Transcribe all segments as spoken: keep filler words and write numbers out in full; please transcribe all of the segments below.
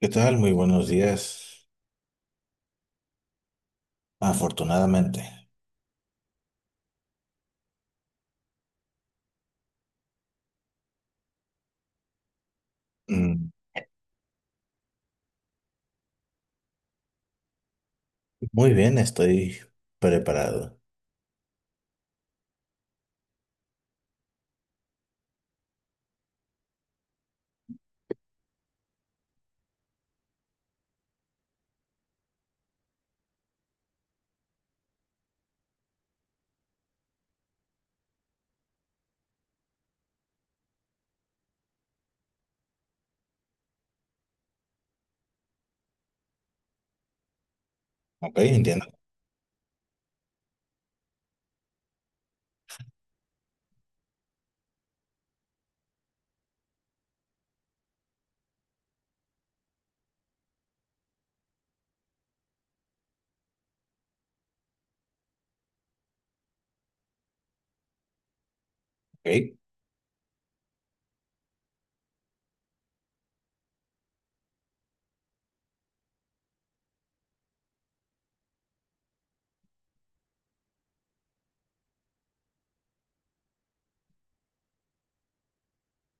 ¿Qué tal? Muy buenos días. Afortunadamente. Mm, muy bien, estoy preparado. Ok, entiendo. Ok.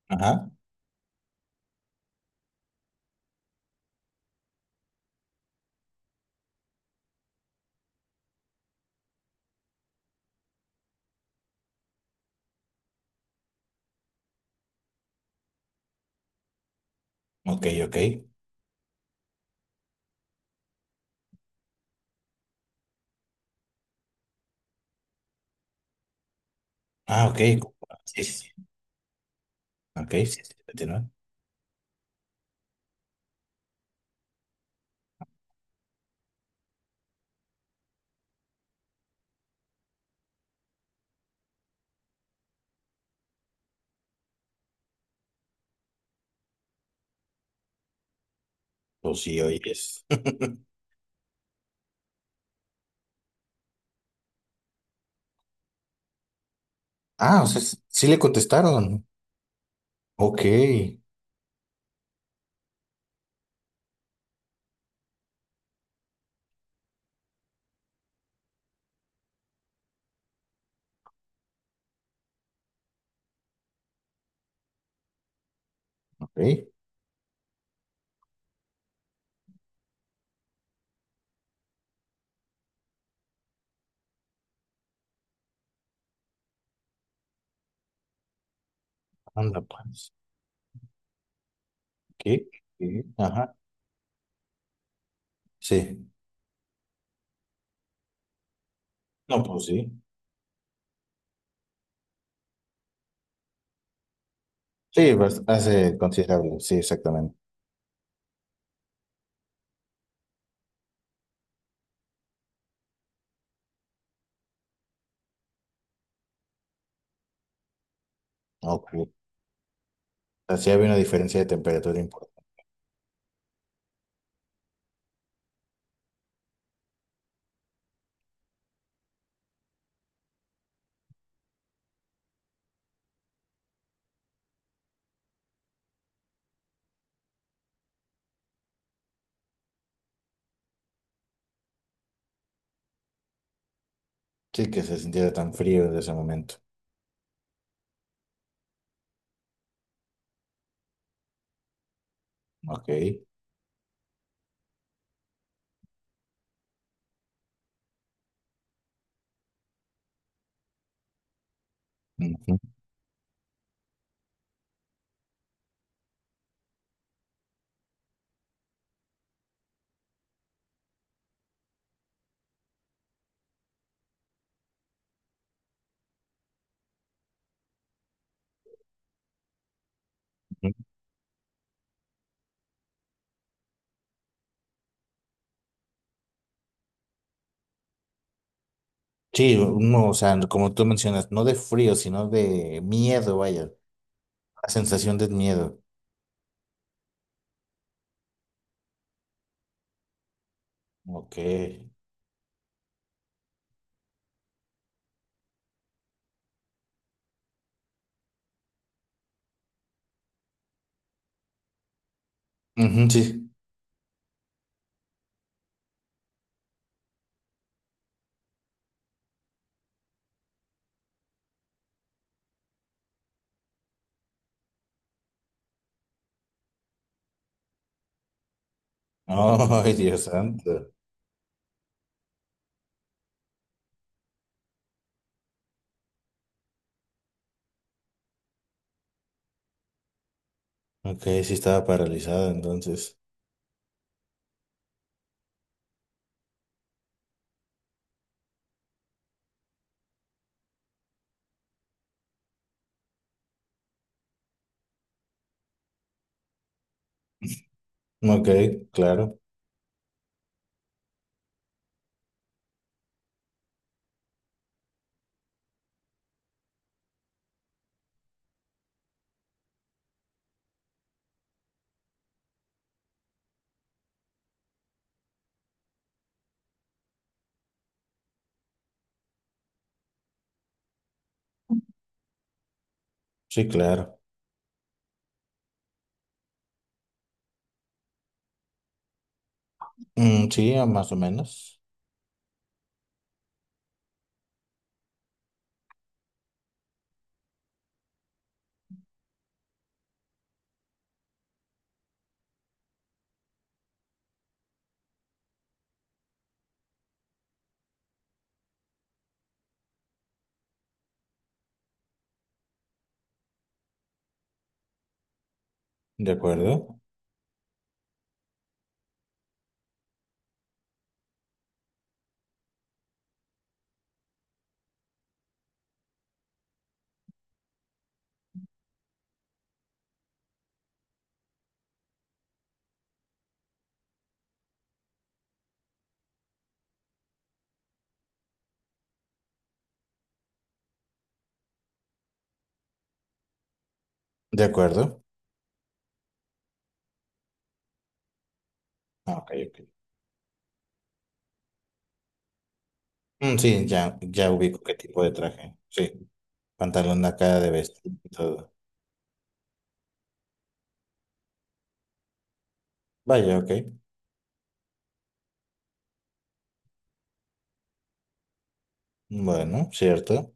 Ajá. Ok, ok. Ah, ok. Sí, sí, sí. Ok, sí, sí, continúa. Pues sí, oye, es. Ah, o sea, s- sí le contestaron. Ok, ok. Anda, pues. ¿Qué? ¿Qué? Ajá. Sí. No, pues sí. Sí, bas- hace considerable. Sí, exactamente. Ok. Así había una diferencia de temperatura importante. Sí, que se sintiera tan frío en ese momento. Ok. Ujú, ujú. Sí, no, o sea, como tú mencionas, no de frío, sino de miedo, vaya. La sensación de miedo. Ok. Ujú, sí. Oh, ay, Dios santo. Ok, sí estaba paralizada entonces. Ok, claro. Sí, claro. Mm, sí, más o menos. De acuerdo. De acuerdo. Ah, ok, ok. Mm, sí, ya, ya ubico qué tipo de traje. Sí. Pantalón acá de vestir y todo. Vaya, ok. Bueno, cierto.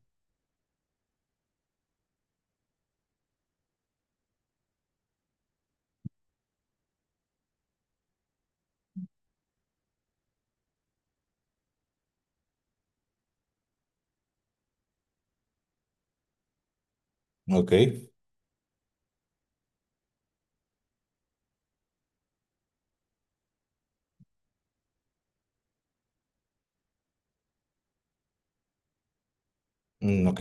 Ok. Mm, ok,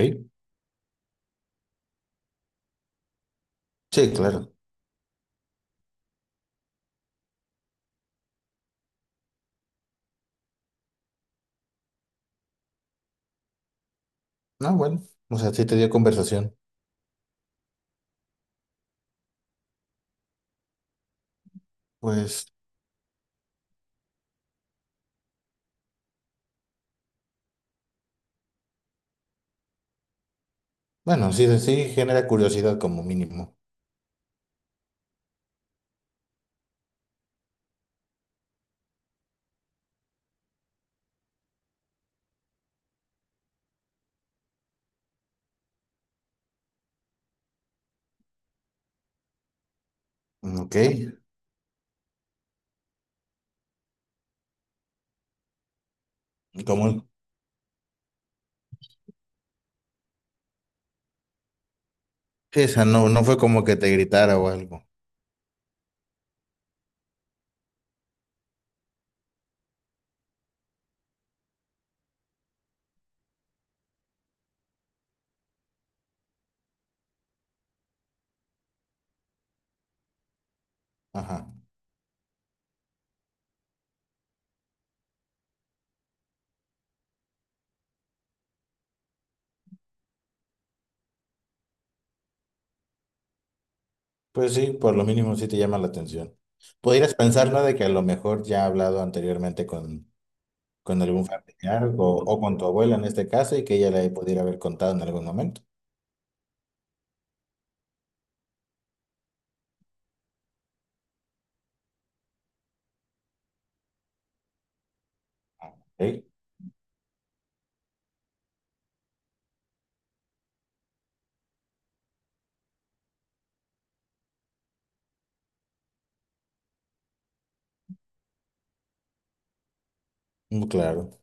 sí, claro. No, bueno, o sea, sí te dio conversación. Pues, bueno, sí, sí genera curiosidad como mínimo. Mm, ok, como, sí, esa no, no fue como que te gritara o algo. Ajá. Pues sí, por lo mínimo sí te llama la atención. Podrías pensar, ¿no? De que a lo mejor ya ha hablado anteriormente con, con algún familiar o, o con tu abuela en este caso y que ella le pudiera haber contado en algún momento. Ok, mm, claro.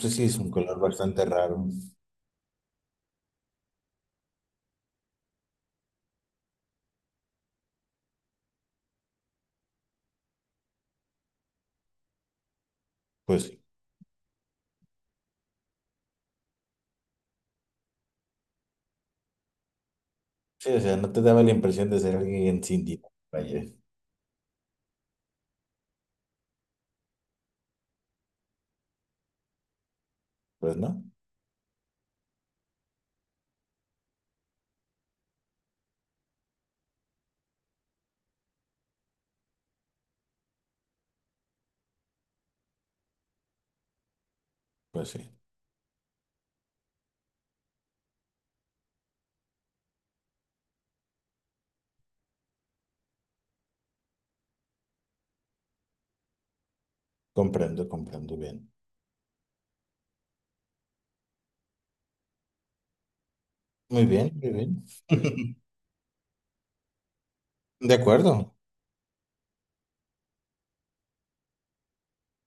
Pues sí, es un color bastante raro. Pues sí. Sí, o sea, no te daba la impresión de ser alguien sin dinero. Vaya, pues no, pues sí, comprendo, comprendo bien. Muy bien, muy bien. De acuerdo.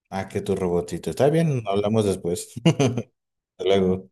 Ah, que tu robotito. Está bien, hablamos después. Hasta luego.